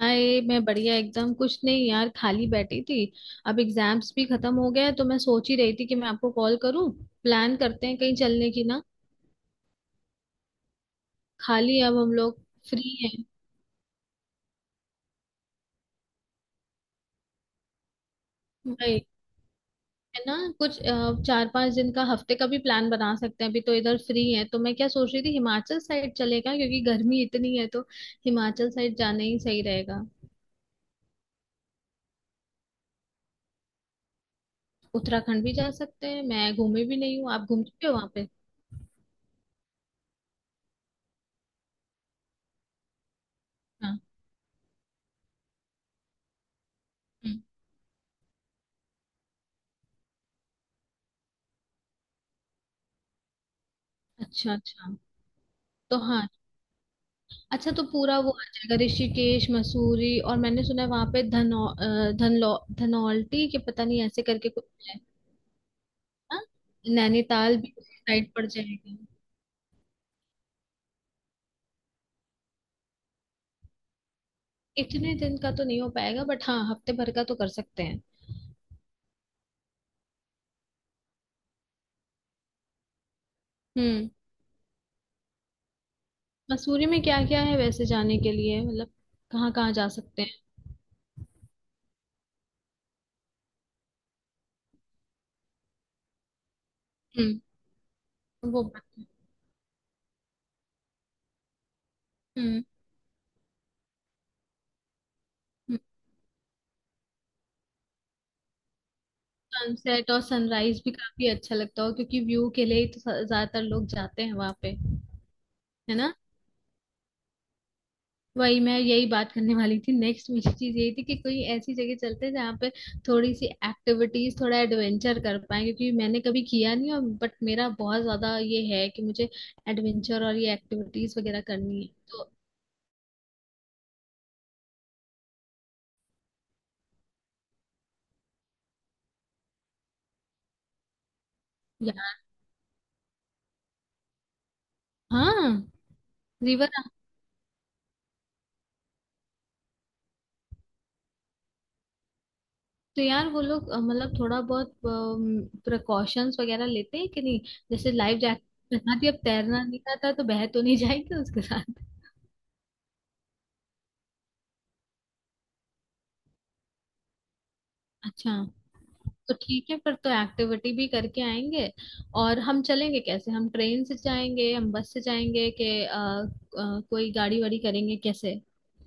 हाय, मैं बढ़िया। एकदम कुछ नहीं यार, खाली बैठी थी। अब एग्जाम्स भी खत्म हो गए हैं, तो मैं सोच ही रही थी कि मैं आपको कॉल करूं। प्लान करते हैं कहीं चलने की, ना? खाली अब हम लोग फ्री हैं भाई। है ना कुछ 4-5 दिन का, हफ्ते का भी प्लान बना सकते हैं। अभी तो इधर फ्री है, तो मैं क्या सोच रही थी, हिमाचल साइड चलेगा क्योंकि गर्मी इतनी है, तो हिमाचल साइड जाना ही सही रहेगा। उत्तराखंड भी जा सकते हैं। मैं घूमी भी नहीं हूँ, आप घूम चुके हो वहां पे। हाँ। हम्म। अच्छा अच्छा। तो हाँ, अच्छा तो पूरा वो आ जाएगा, ऋषिकेश मसूरी। और मैंने सुना है वहां पे धनौ अ, धनलौ धनौल्टी के, पता नहीं, ऐसे करके कुछ है। हाँ? नैनीताल भी उसी साइड पड़ जाएगा। इतने दिन का तो नहीं हो पाएगा, बट हाँ, हफ्ते भर का तो कर सकते हैं। हम्म। मसूरी में क्या क्या है वैसे जाने के लिए, मतलब कहाँ कहाँ जा सकते हैं? हम्म। वो बात है। हम्म। हम्म। सनसेट और सनराइज भी काफी अच्छा लगता हो, क्योंकि व्यू के लिए ही तो ज्यादातर लोग जाते हैं वहां पे। है ना? वही मैं यही बात करने वाली थी, नेक्स्ट मेरी चीज यही थी कि कोई ऐसी जगह चलते हैं जहाँ पे थोड़ी सी एक्टिविटीज, थोड़ा एडवेंचर कर पाए, क्योंकि मैंने कभी किया नहीं, और बट मेरा बहुत ज्यादा ये है कि मुझे एडवेंचर और ये एक्टिविटीज वगैरह करनी है। तो यार, हाँ। रिवर। तो यार, वो लोग मतलब थोड़ा बहुत प्रिकॉशंस वगैरह लेते हैं कि नहीं? जैसे लाइफ जैकेट बना दी, अब तैरना नहीं आता, तो बह तो नहीं जाएंगे उसके साथ। अच्छा। तो ठीक है, फिर तो एक्टिविटी भी करके आएंगे। और हम चलेंगे कैसे? हम ट्रेन से जाएंगे, हम बस से जाएंगे, कि कोई गाड़ी वाड़ी करेंगे कैसे?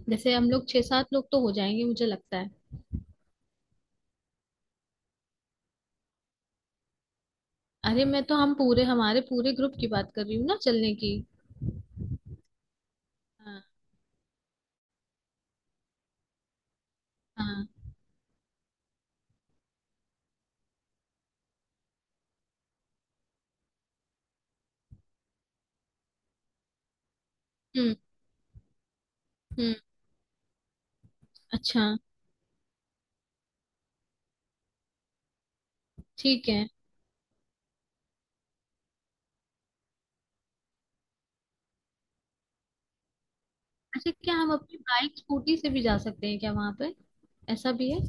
जैसे हम लोग छह सात लोग तो हो जाएंगे, मुझे लगता है। अरे, मैं तो, हम पूरे, हमारे पूरे ग्रुप की बात कर रही हूँ ना चलने की। हाँ हाँ। हम्म हम्म। अच्छा। ठीक है। अच्छा, क्या हम अपनी बाइक स्कूटी से भी जा सकते हैं क्या वहां पे? ऐसा भी है?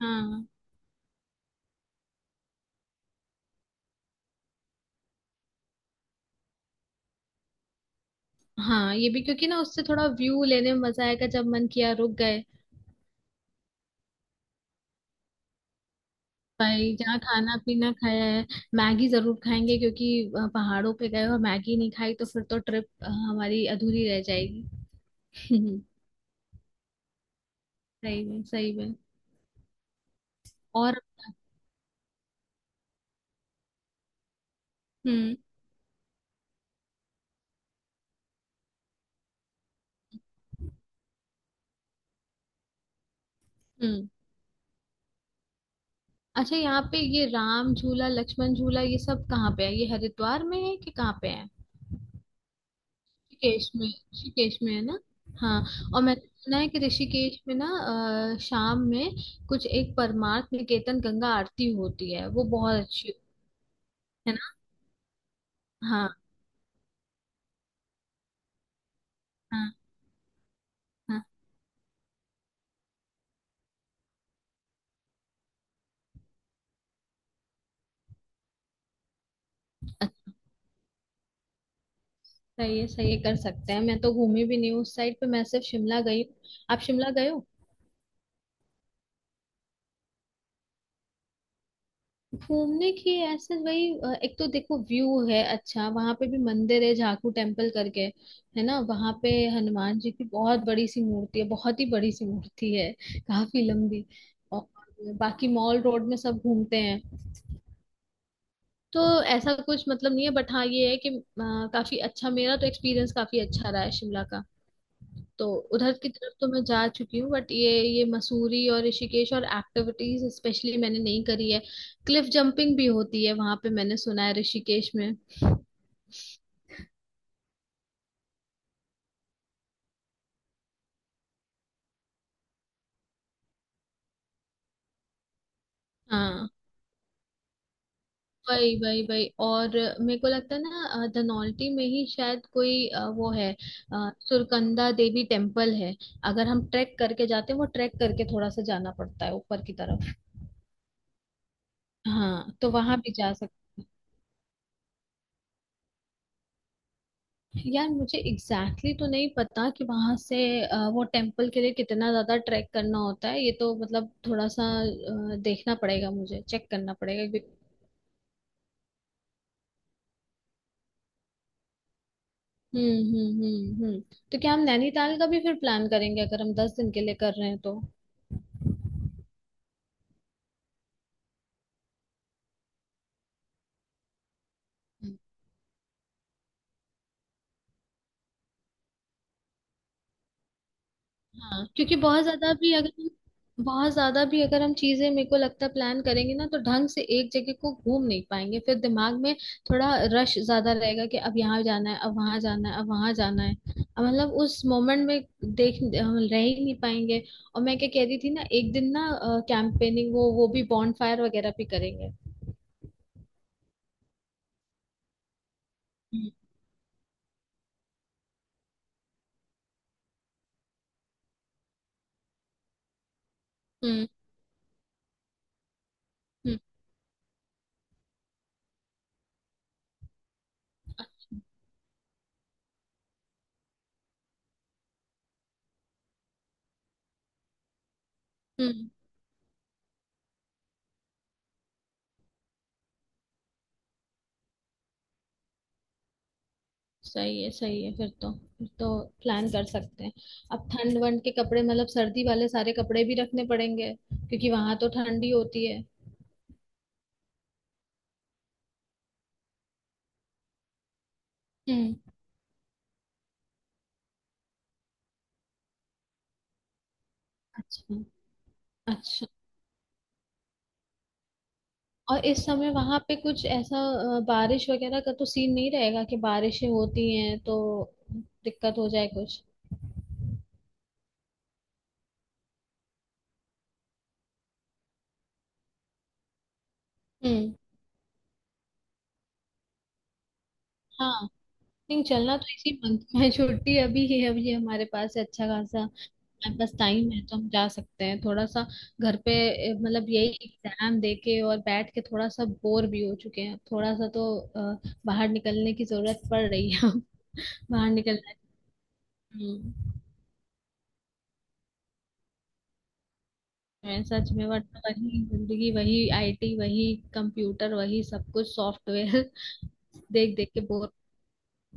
हाँ। हाँ, ये भी, क्योंकि ना उससे थोड़ा व्यू लेने में मजा आएगा, जब मन किया रुक गए। भाई, जहाँ खाना पीना खाया है, मैगी जरूर खाएंगे, क्योंकि पहाड़ों पे गए और मैगी नहीं खाई तो फिर तो ट्रिप हमारी अधूरी रह जाएगी। सही में, सही में। और। हम्म। हम्म। अच्छा, यहाँ पे ये राम झूला लक्ष्मण झूला, ये सब कहाँ पे है? ये हरिद्वार में है कि कहाँ पे है? ऋषिकेश में? ऋषिकेश में है ना? हाँ। और मैंने सुना है कि ऋषिकेश में ना शाम में कुछ एक परमार्थ निकेतन गंगा आरती होती है, वो बहुत अच्छी। है ना? हाँ हाँ। हाँ। सही है, सही है, कर सकते हैं। मैं तो घूमी भी नहीं हूँ उस साइड पे, मैं सिर्फ शिमला गई हूँ। आप शिमला गए हो? घूमने की ऐसे, वही एक तो देखो व्यू है अच्छा, वहां पे भी मंदिर है, झाकू टेम्पल करके। है ना वहां पे? हनुमान जी की बहुत बड़ी सी मूर्ति है, बहुत ही बड़ी सी मूर्ति है, काफी लंबी। और बाकी मॉल रोड में सब घूमते हैं, तो ऐसा कुछ मतलब नहीं है, बट हाँ, ये है कि काफी अच्छा, मेरा तो एक्सपीरियंस काफी अच्छा रहा है शिमला का। तो उधर की तरफ तो मैं जा चुकी हूँ, बट ये मसूरी और ऋषिकेश और एक्टिविटीज स्पेशली मैंने नहीं करी है। क्लिफ जंपिंग भी होती है वहां पे, मैंने सुना है ऋषिकेश में। हाँ। वही वही वही। और मेरे को लगता है ना धनौल्टी में ही शायद कोई वो है सुरकंदा देवी टेम्पल है, अगर हम ट्रैक करके जाते हैं, वो ट्रैक करके थोड़ा सा जाना पड़ता है ऊपर की तरफ। हाँ, तो वहां भी जा। यार, मुझे एग्जैक्टली तो नहीं पता कि वहां से वो टेम्पल के लिए कितना ज्यादा ट्रैक करना होता है, ये तो मतलब थोड़ा सा देखना पड़ेगा, मुझे चेक करना पड़ेगा हम्म। तो क्या हम नैनीताल का भी फिर प्लान करेंगे, अगर हम 10 दिन के लिए कर रहे हैं तो? हाँ, क्योंकि बहुत ज्यादा भी अगर हम चीजें, मेरे को लगता है, प्लान करेंगे ना तो ढंग से एक जगह को घूम नहीं पाएंगे। फिर दिमाग में थोड़ा रश ज्यादा रहेगा, कि अब यहाँ जाना है, अब वहां जाना है, अब वहां जाना है, अब मतलब उस मोमेंट में देख हम रह ही नहीं पाएंगे। और मैं क्या कह रही थी ना, एक दिन ना कैंपेनिंग, वो भी बॉनफायर वगैरह भी करेंगे। हम्म हम्म हम्म हम्म। सही है, सही है, फिर तो प्लान कर सकते हैं। अब ठंड वंड के कपड़े, मतलब सर्दी वाले सारे कपड़े भी रखने पड़ेंगे क्योंकि वहां तो ठंड ही होती है। हम्म। अच्छा। अच्छा, और इस समय वहां पे कुछ ऐसा बारिश वगैरह का तो सीन नहीं रहेगा कि बारिशें होती हैं तो दिक्कत हो जाए कुछ? हम्म। हाँ, नहीं, चलना तो इसी मंथ में है, छुट्टी अभी है, अभी हमारे पास है अच्छा खासा, हमारे पास टाइम है तो हम जा सकते हैं। थोड़ा सा घर पे मतलब यही एग्जाम दे के और बैठ के थोड़ा सा बोर भी हो चुके हैं, थोड़ा सा तो बाहर निकलने की जरूरत पड़ रही है। बाहर निकलना है। हम्म। मैं सच में, वरना वही जिंदगी, वही आईटी, वही कंप्यूटर, वही सब कुछ, सॉफ्टवेयर देख देख के बोर।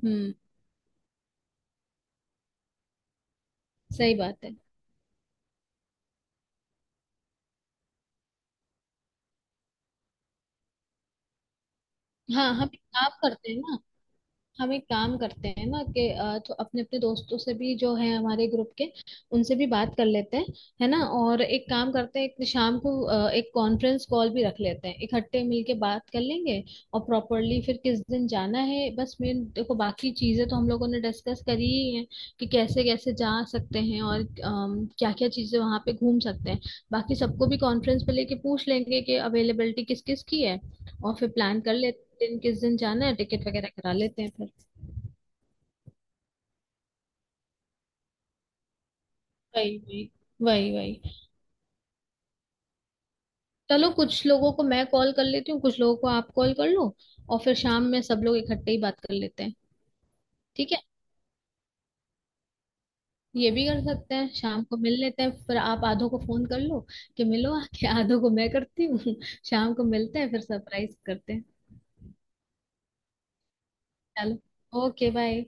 हम्म। सही बात है। हाँ, हम एक काम करते हैं ना कि तो अपने अपने दोस्तों से भी जो है, हमारे ग्रुप के, उनसे भी बात कर लेते हैं। है ना? और एक काम करते हैं, एक शाम को एक कॉन्फ्रेंस कॉल भी रख लेते हैं, इकट्ठे मिलके बात कर लेंगे। और प्रॉपरली फिर किस दिन जाना है, बस मेन देखो, बाकी चीजें तो हम लोगों ने डिस्कस करी ही है, कि कैसे कैसे जा सकते हैं और क्या क्या चीजें वहां पे घूम सकते हैं। बाकी सबको भी कॉन्फ्रेंस पे लेके पूछ लेंगे कि अवेलेबिलिटी किस किस की है, और फिर प्लान कर लेते हैं दिन, किस दिन जाना है, टिकट वगैरह करा लेते हैं फिर। वही वही वही वही। चलो, कुछ लोगों को मैं कॉल कर लेती हूँ, कुछ लोगों को आप कॉल कर लो, और फिर शाम में सब लोग इकट्ठे ही बात कर लेते हैं। ठीक है, ये भी कर सकते हैं, शाम को मिल लेते हैं फिर, आप आधों को फोन कर लो कि मिलो आके, आधों को मैं करती हूँ। शाम को मिलते हैं फिर, सरप्राइज करते हैं। चलो, ओके बाय।